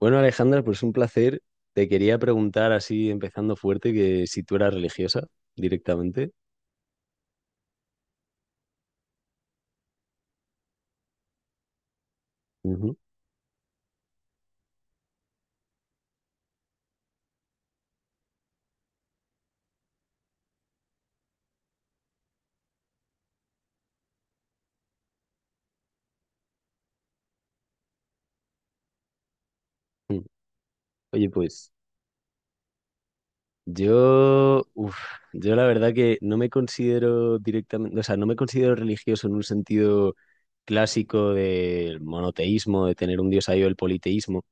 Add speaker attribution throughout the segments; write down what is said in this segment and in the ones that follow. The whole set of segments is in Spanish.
Speaker 1: Bueno, Alejandra, pues un placer. Te quería preguntar así, empezando fuerte, que si tú eras religiosa directamente. Ujú. Mm. Oye, pues yo, uf, yo la verdad que no me considero directamente, o sea, no me considero religioso en un sentido clásico del monoteísmo, de tener un dios ahí o el politeísmo.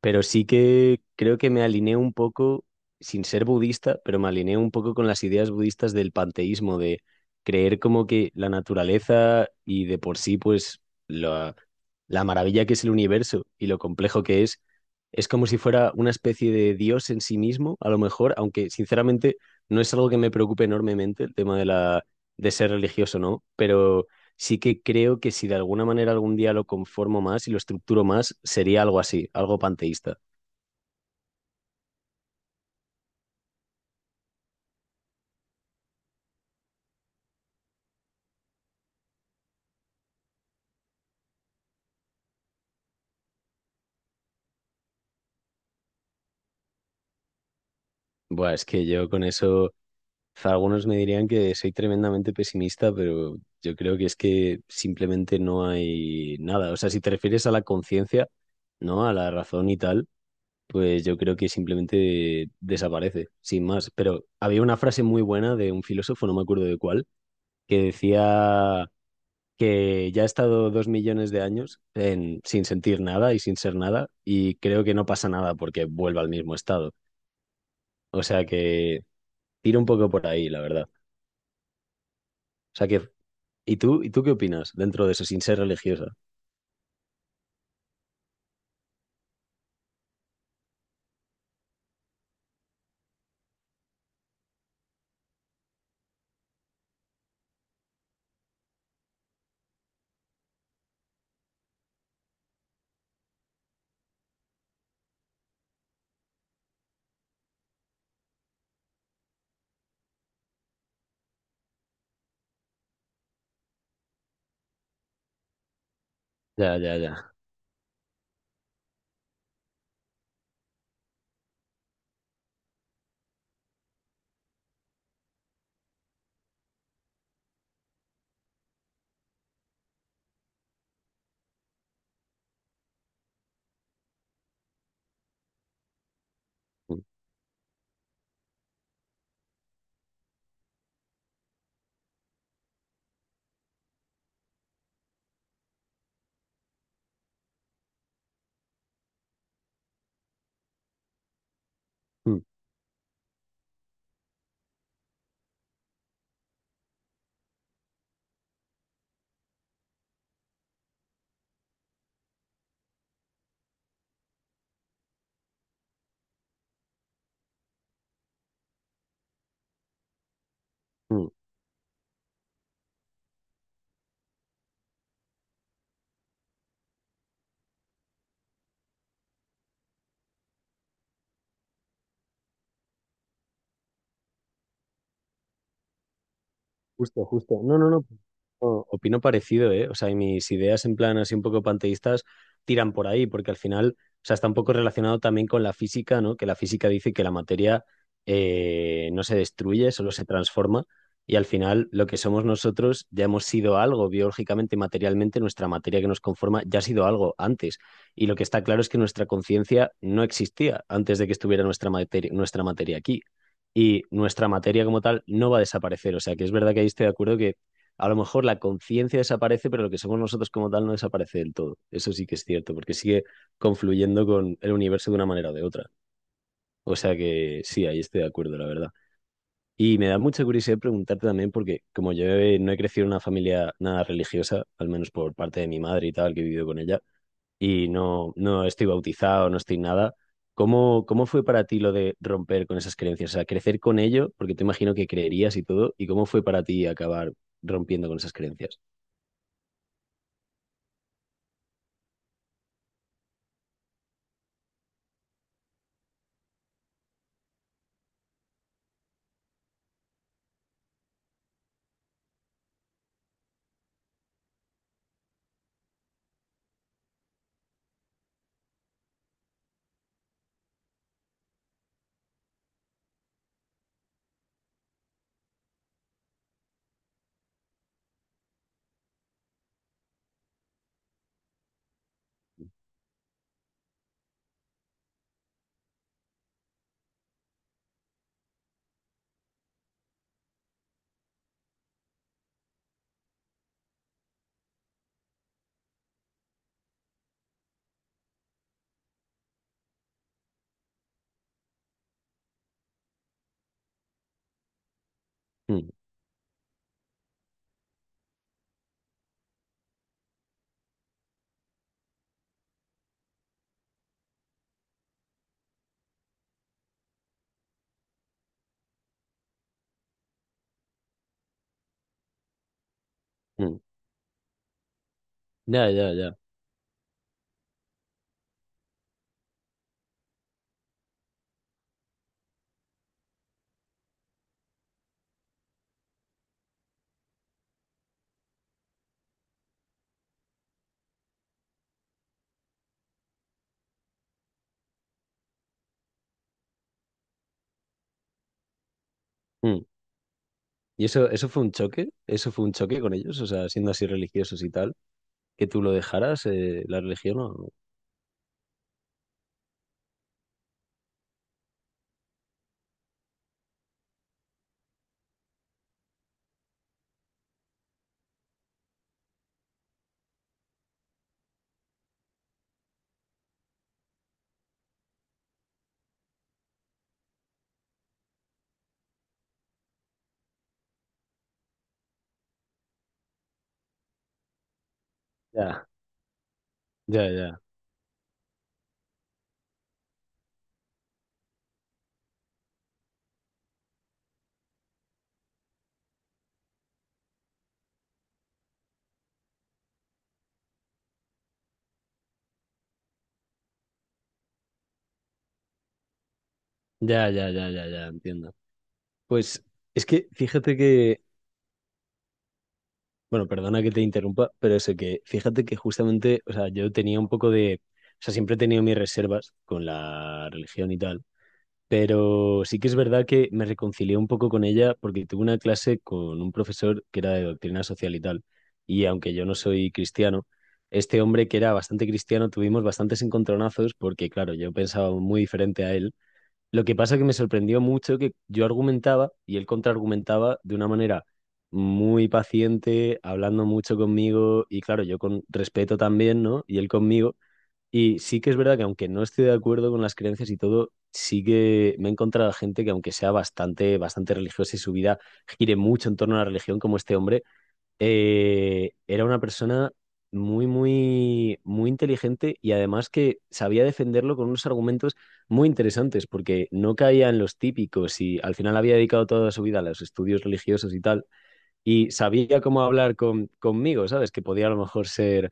Speaker 1: Pero sí que creo que me alineé un poco, sin ser budista, pero me alineé un poco con las ideas budistas del panteísmo, de creer como que la naturaleza y de por sí, pues, la, la maravilla que es el universo y lo complejo que es como si fuera una especie de Dios en sí mismo, a lo mejor, aunque sinceramente no es algo que me preocupe enormemente el tema de la, de ser religioso, ¿no? Pero sí que creo que si de alguna manera algún día lo conformo más y lo estructuro más, sería algo así, algo panteísta. Buah, es que yo con eso, algunos me dirían que soy tremendamente pesimista, pero yo creo que es que simplemente no hay nada. O sea, si te refieres a la conciencia, ¿no? A la razón y tal, pues yo creo que simplemente desaparece, sin más. Pero había una frase muy buena de un filósofo, no me acuerdo de cuál, que decía que ya ha estado 2 millones de años sin sentir nada y sin ser nada, y creo que no pasa nada porque vuelva al mismo estado. O sea que tira un poco por ahí, la verdad. O sea que, y tú qué opinas dentro de eso sin ser religiosa? Ya, ya, ya. Mm, mm, mm. Justo, justo. No, no, no. Opino parecido, ¿eh? O sea, y mis ideas en plan así un poco panteístas tiran por ahí, porque al final, o sea, está un poco relacionado también con la física, ¿no? Que la física dice que la materia no se destruye, solo se transforma, y al final lo que somos nosotros ya hemos sido algo biológicamente, materialmente, nuestra materia que nos conforma ya ha sido algo antes. Y lo que está claro es que nuestra conciencia no existía antes de que estuviera nuestra materia aquí y nuestra materia como tal no va a desaparecer. O sea, que es verdad que ahí estoy de acuerdo que a lo mejor la conciencia desaparece, pero lo que somos nosotros como tal no desaparece del todo. Eso sí que es cierto, porque sigue confluyendo con el universo de una manera o de otra. O sea que sí, ahí estoy de acuerdo, la verdad. Y me da mucha curiosidad preguntarte también, porque como yo no he crecido en una familia nada religiosa, al menos por parte de mi madre y tal, que he vivido con ella, y no, no estoy bautizado, no estoy nada. ¿Cómo, cómo fue para ti lo de romper con esas creencias? O sea, crecer con ello, porque te imagino que creerías y todo, ¿y cómo fue para ti acabar rompiendo con esas creencias? Mm, mm. Ya, ya, ya. Mm. ¿Y eso fue un choque? ¿Eso fue un choque con ellos? O sea, siendo así religiosos y tal, que tú lo dejaras, la religión o... Ya, ya, ya. Ya, ya, ya, ya, ya, entiendo. Pues es que fíjate que bueno, perdona que te interrumpa, pero eso que, fíjate que justamente, o sea, yo tenía un poco de, o sea, siempre he tenido mis reservas con la religión y tal, pero sí que es verdad que me reconcilié un poco con ella porque tuve una clase con un profesor que era de doctrina social y tal, y aunque yo no soy cristiano, este hombre que era bastante cristiano, tuvimos bastantes encontronazos porque, claro, yo pensaba muy diferente a él, lo que pasa que me sorprendió mucho que yo argumentaba y él contraargumentaba de una manera muy paciente, hablando mucho conmigo y claro, yo con respeto también, ¿no? Y él conmigo. Y sí que es verdad que aunque no esté de acuerdo con las creencias y todo, sí que me he encontrado gente que aunque sea bastante, bastante religiosa y su vida gire mucho en torno a la religión como este hombre, era una persona muy, muy, muy inteligente y además que sabía defenderlo con unos argumentos muy interesantes, porque no caía en los típicos y al final había dedicado toda su vida a los estudios religiosos y tal, y sabía cómo hablar conmigo, ¿sabes? Que podía a lo mejor ser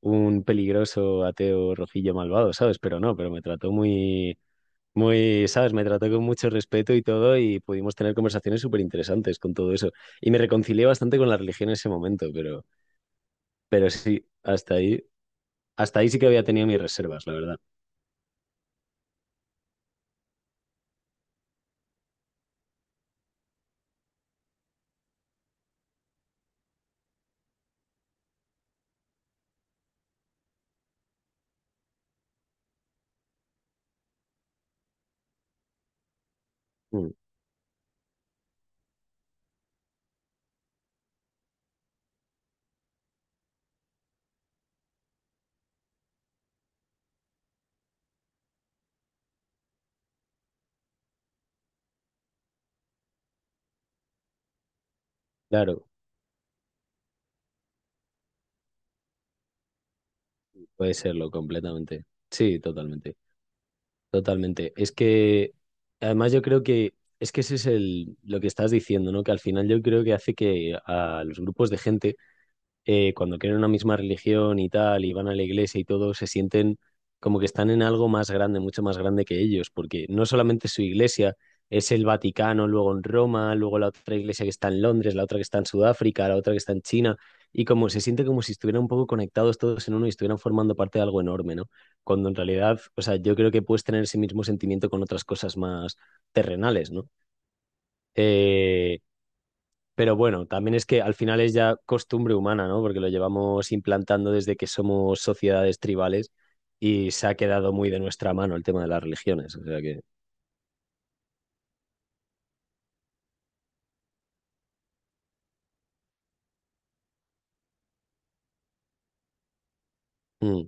Speaker 1: un peligroso ateo rojillo malvado, ¿sabes? Pero no, pero me trató muy muy, sabes, me trató con mucho respeto y todo y pudimos tener conversaciones súper interesantes con todo eso. Y me reconcilié bastante con la religión en ese momento, pero sí, hasta ahí sí que había tenido mis reservas, la verdad. Mm, claro, puede serlo completamente. Sí, totalmente, totalmente. Es que, además yo creo que, es que ese es el, lo que estás diciendo, ¿no? Que al final yo creo que hace que a los grupos de gente cuando quieren una misma religión y tal, y van a la iglesia y todo, se sienten como que están en algo más grande, mucho más grande que ellos, porque no solamente es su iglesia, es el Vaticano, luego en Roma, luego la otra iglesia que está en Londres, la otra que está en Sudáfrica, la otra que está en China, y como se siente como si estuvieran un poco conectados todos en uno y estuvieran formando parte de algo enorme, ¿no? Cuando en realidad, o sea, yo creo que puedes tener ese mismo sentimiento con otras cosas más terrenales, ¿no? Eh, pero bueno, también es que al final es ya costumbre humana, ¿no? Porque lo llevamos implantando desde que somos sociedades tribales y se ha quedado muy de nuestra mano el tema de las religiones. O sea que, mm,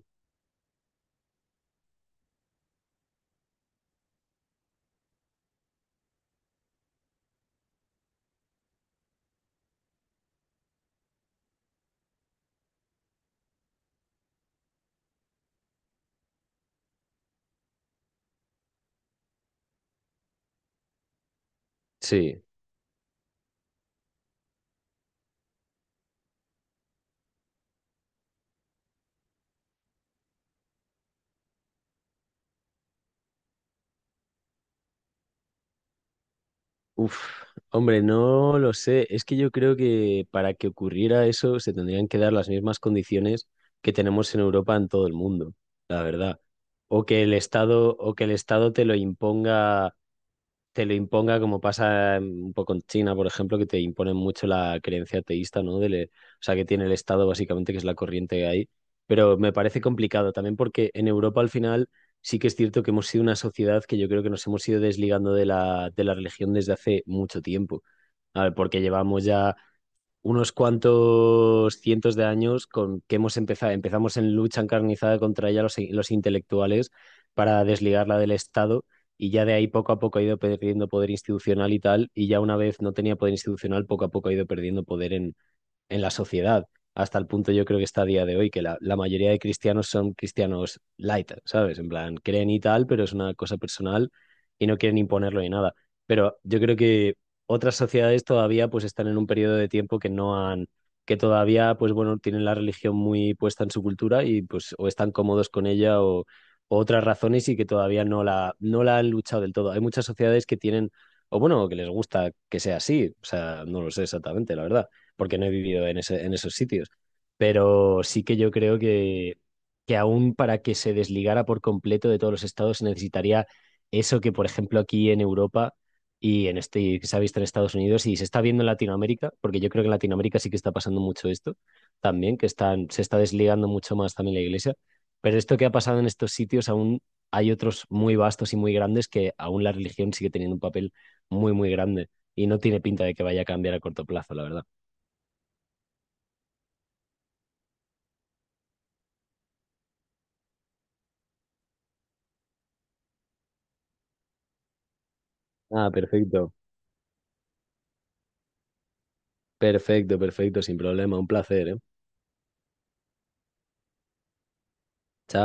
Speaker 1: sí. Uf, hombre, no lo sé. Es que yo creo que para que ocurriera eso se tendrían que dar las mismas condiciones que tenemos en Europa en todo el mundo, la verdad. O que el Estado, o que el Estado te lo imponga, te lo imponga, como pasa un poco en China, por ejemplo, que te imponen mucho la creencia ateísta, ¿no? O sea, que tiene el Estado, básicamente, que es la corriente que hay. Pero me parece complicado también porque en Europa, al final, sí que es cierto que hemos sido una sociedad que yo creo que nos hemos ido desligando de la religión desde hace mucho tiempo. A ver, porque llevamos ya unos cuantos cientos de años con que hemos empezado, empezamos en lucha encarnizada contra ella los intelectuales para desligarla del Estado y ya de ahí poco a poco ha ido perdiendo poder institucional y tal, y ya una vez no tenía poder institucional, poco a poco ha ido perdiendo poder en la sociedad, hasta el punto yo creo que está a día de hoy, que la mayoría de cristianos son cristianos light, ¿sabes? En plan, creen y tal, pero es una cosa personal y no quieren imponerlo ni nada. Pero yo creo que otras sociedades todavía pues están en un periodo de tiempo que no han, que todavía pues bueno, tienen la religión muy puesta en su cultura y pues o están cómodos con ella o otras razones y que todavía no la, no la han luchado del todo. Hay muchas sociedades que tienen, o bueno, que les gusta que sea así, o sea, no lo sé exactamente, la verdad porque no he vivido en, ese, en esos sitios. Pero sí que yo creo que aún para que se desligara por completo de todos los estados se necesitaría eso que, por ejemplo, aquí en Europa y en este y que se ha visto en Estados Unidos y se está viendo en Latinoamérica, porque yo creo que en Latinoamérica sí que está pasando mucho esto también, que están, se está desligando mucho más también la iglesia. Pero esto que ha pasado en estos sitios aún hay otros muy vastos y muy grandes que aún la religión sigue teniendo un papel muy, muy grande y no tiene pinta de que vaya a cambiar a corto plazo, la verdad. Ah, perfecto. Perfecto, perfecto, sin problema. Un placer, ¿eh? Chao.